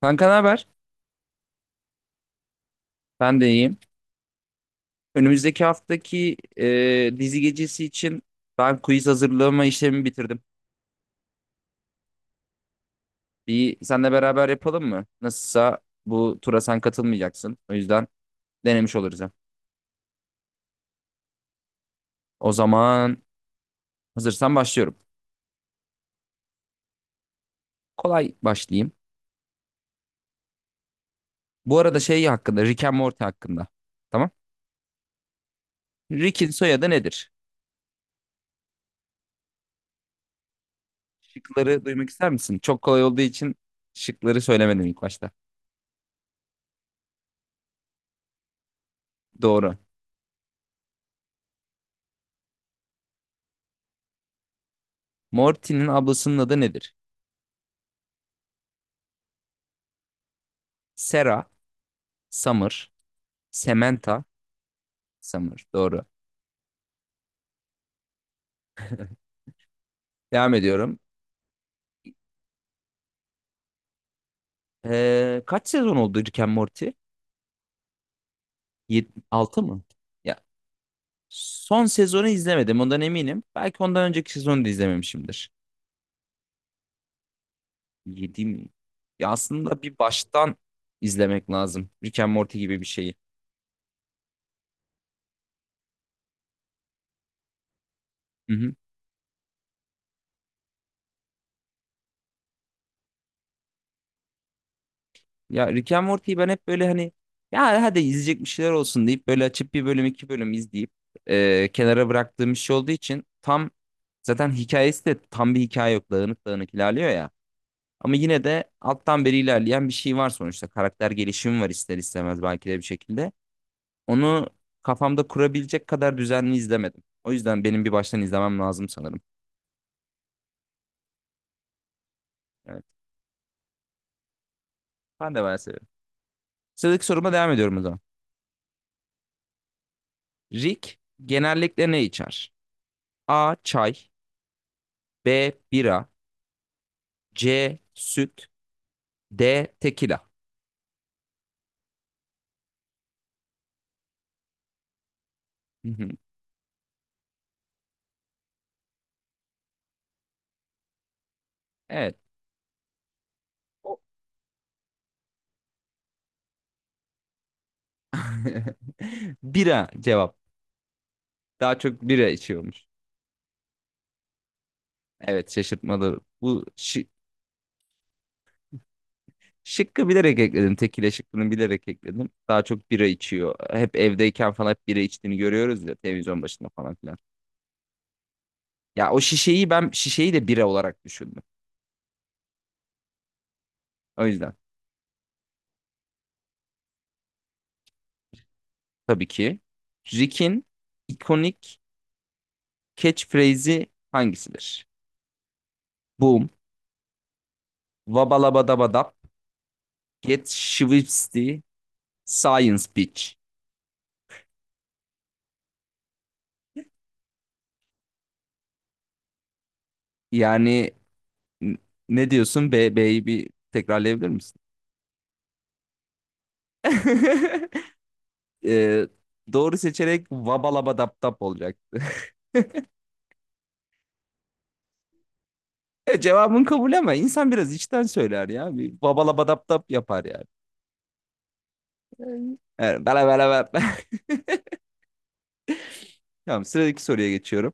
Kanka ne haber? Ben de iyiyim. Önümüzdeki haftaki dizi gecesi için ben quiz hazırlama işlemimi bitirdim. Bir senle beraber yapalım mı? Nasılsa bu tura sen katılmayacaksın. O yüzden denemiş oluruz hem. O zaman hazırsan başlıyorum. Kolay başlayayım. Bu arada şey hakkında, Rick and Morty hakkında. Tamam. Rick'in soyadı nedir? Şıkları duymak ister misin? Çok kolay olduğu için şıkları söylemedim ilk başta. Doğru. Morty'nin ablasının adı nedir? Sarah, Summer, Samantha. Summer. Doğru. Devam ediyorum. Kaç sezon oldu Rick and Morty? Altı mı? Ya son sezonu izlemedim ondan eminim. Belki ondan önceki sezonu da izlememişimdir. 7 mi? Ya aslında bir baştan izlemek lazım. Rick and Morty gibi bir şeyi. Hı hı. Ya Rick and Morty'yi ben hep böyle hani ya hadi izleyecek bir şeyler olsun deyip böyle açıp bir bölüm iki bölüm izleyip kenara bıraktığım bir şey olduğu için tam zaten hikayesi de tam bir hikaye yok. Dağınık dağınık ilerliyor ya. Ama yine de alttan beri ilerleyen bir şey var sonuçta. Karakter gelişimi var ister istemez belki de bir şekilde. Onu kafamda kurabilecek kadar düzenli izlemedim. O yüzden benim bir baştan izlemem lazım sanırım. Evet. Ben de bayağı seviyorum. Sıradaki soruma devam ediyorum o zaman. Rick genellikle ne içer? A. Çay, B. Bira, C. Süt, D. Tekila. Hı hı. Evet. O- bira cevap. Daha çok bira içiyormuş. Evet, şaşırtmalı. Bu şi- şıkkı bilerek ekledim. Tekile şıkkını bilerek ekledim. Daha çok bira içiyor. Hep evdeyken falan hep bira içtiğini görüyoruz ya, televizyon başında falan filan. Ya o şişeyi ben de bira olarak düşündüm. O yüzden tabii ki Rick'in ikonik catchphrase'i hangisidir? Boom, vabalabadabadap, get schwipsty, science bitch. Yani n- ne diyorsun? B, B'yi bir tekrarlayabilir misin? Ee, doğru seçerek vabalabadaptap olacak. Cevabın kabul ama insan biraz içten söyler ya. Bir babala badap dap yapar yani. Evet, bala bala bala. Tamam, sıradaki soruya geçiyorum.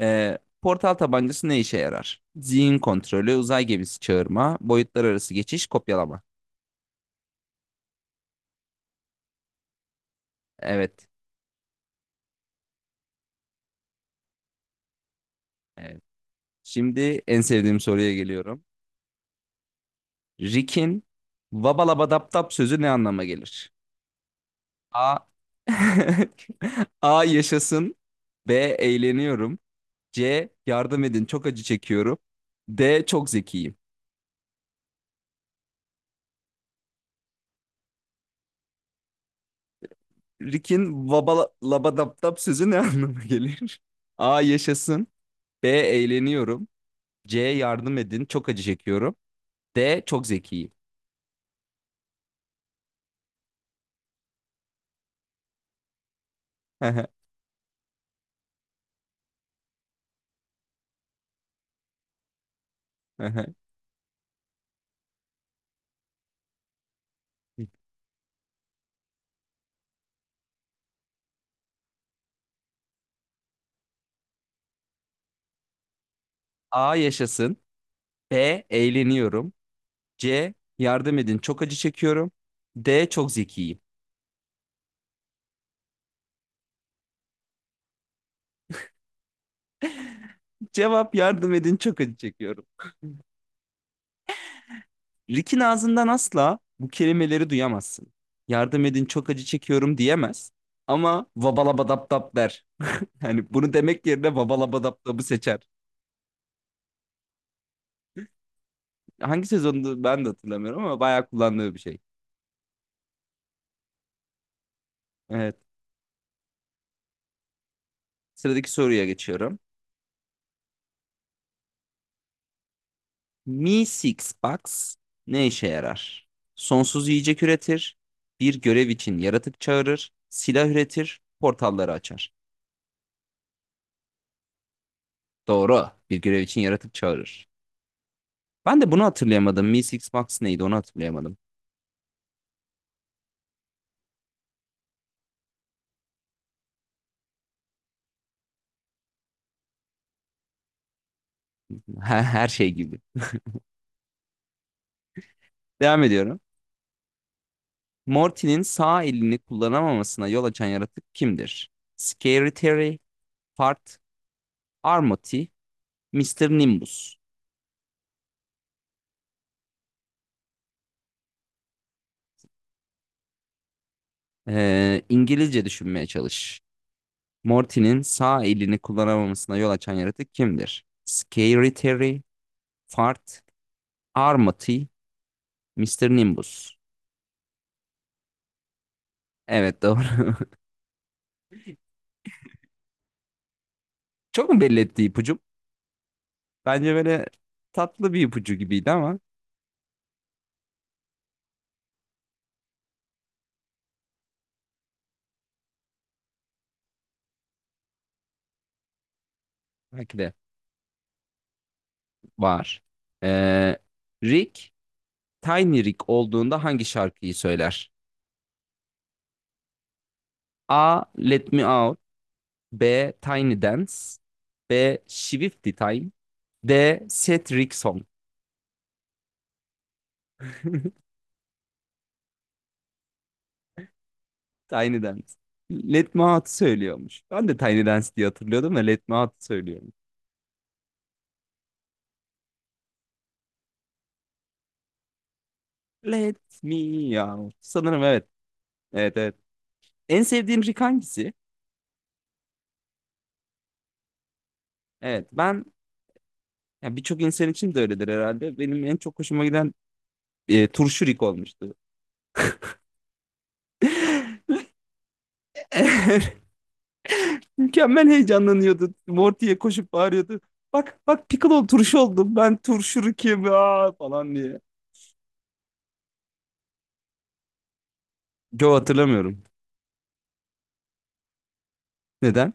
Portal tabancası ne işe yarar? Zihin kontrolü, uzay gemisi çağırma, boyutlar arası geçiş, kopyalama. Evet. Evet. Şimdi en sevdiğim soruya geliyorum. Rick'in babala badap dap sözü ne anlama gelir? A. A. Yaşasın. B. Eğleniyorum. C. Yardım edin, çok acı çekiyorum. D. Çok zekiyim. Rick'in vaba labadaptap sözü ne anlama gelir? A. Yaşasın. B. Eğleniyorum. C. Yardım edin. Çok acı çekiyorum. D. Çok zekiyim. A. Yaşasın. B. Eğleniyorum. C. Yardım edin. Çok acı çekiyorum. D. Çok zekiyim. Cevap, yardım edin, çok acı çekiyorum. Rick'in ağzından asla bu kelimeleri duyamazsın. Yardım edin, çok acı çekiyorum diyemez. Ama vabalabadaptap der. Hani bunu demek yerine vabalabadaptapı seçer. Hangi sezonda ben de hatırlamıyorum ama bayağı kullandığı bir şey. Evet. Sıradaki soruya geçiyorum. Mi Six Box ne işe yarar? Sonsuz yiyecek üretir. Bir görev için yaratık çağırır. Silah üretir. Portalları açar. Doğru. Bir görev için yaratık çağırır. Ben de bunu hatırlayamadım. Mi Six Box neydi onu hatırlayamadım. Her şey gibi. Devam ediyorum. Morty'nin sağ elini kullanamamasına yol açan yaratık kimdir? Scary Terry, Fart, Armoti, Mister Nimbus. İngilizce düşünmeye çalış. Morty'nin sağ elini kullanamamasına yol açan yaratık kimdir? Scary Terry, Fart, Armoti, Mister Nimbus. Evet, doğru. Çok mu belli etti ipucum? Bence böyle tatlı bir ipucu gibiydi ama belki de var. Ee, Rick Tiny Rick olduğunda hangi şarkıyı söyler? A. Let Me Out, B. Tiny Dance, B. Swifty Time, D. Set Rick Song. Tiny Dance. Let Me Out söylüyormuş. Ben de Tiny Dance diye hatırlıyordum da Let Me Out söylüyorum. Let Me Out. Sanırım evet. Evet, evet. En sevdiğin Rick hangisi? Evet, ben ya birçok insan için de öyledir herhalde. Benim en çok hoşuma giden turşu Rick olmuştu. Mükemmel, heyecanlanıyordu. Morty'ye koşup bağırıyordu. Bak bak Piccolo, turşu oldum. Ben turşu, kim aa!" falan diye. Joe hatırlamıyorum. Neden?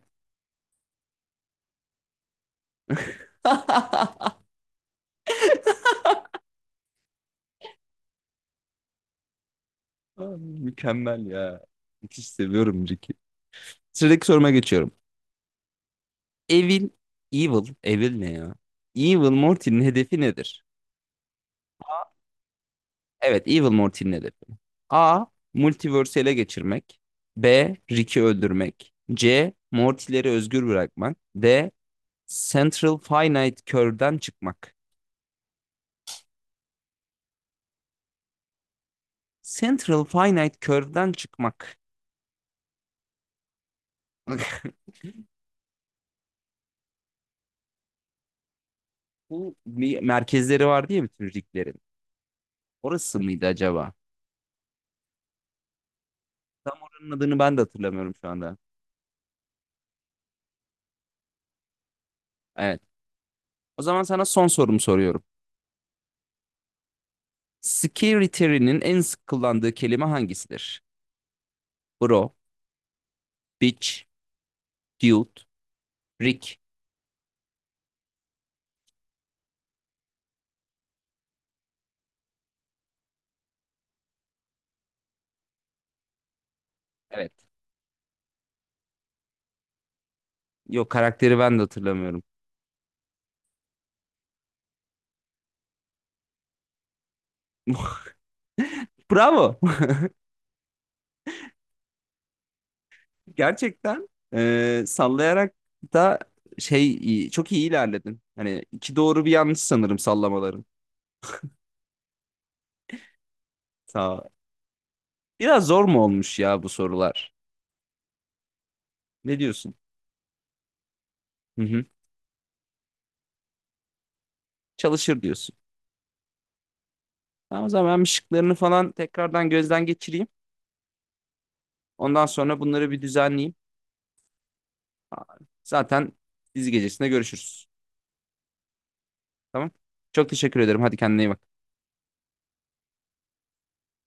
Aa, mükemmel ya. Müthiş seviyorum Ricky. Sıradaki soruma geçiyorum. Evil, Evil ne ya? Evil Morty'nin hedefi nedir? Evet, Evil Morty'nin hedefi. A. Multiverse'i ele geçirmek. B. Rick'i öldürmek. C. Morty'leri özgür bırakmak. D. Central Finite Curve'den çıkmak. Central Finite Curve'den çıkmak. Bu bir, merkezleri var diye bütün riglerin. Orası mıydı acaba? Tam oranın adını ben de hatırlamıyorum şu anda. Evet. O zaman sana son sorumu soruyorum. Security'nin en sık kullandığı kelime hangisidir? Bro, bitch, dude, Rick. Evet. Yok, karakteri ben de hatırlamıyorum. Bravo. Gerçekten sallayarak da çok iyi ilerledin. Hani iki doğru bir yanlış sanırım sallamaların. Sağ ol. Biraz zor mu olmuş ya bu sorular? Ne diyorsun? Hı hı. Çalışır diyorsun. Tamam, o zaman ben bir şıklarını falan tekrardan gözden geçireyim. Ondan sonra bunları bir düzenleyeyim. Zaten dizi gecesinde görüşürüz. Tamam. Çok teşekkür ederim. Hadi kendine iyi bak.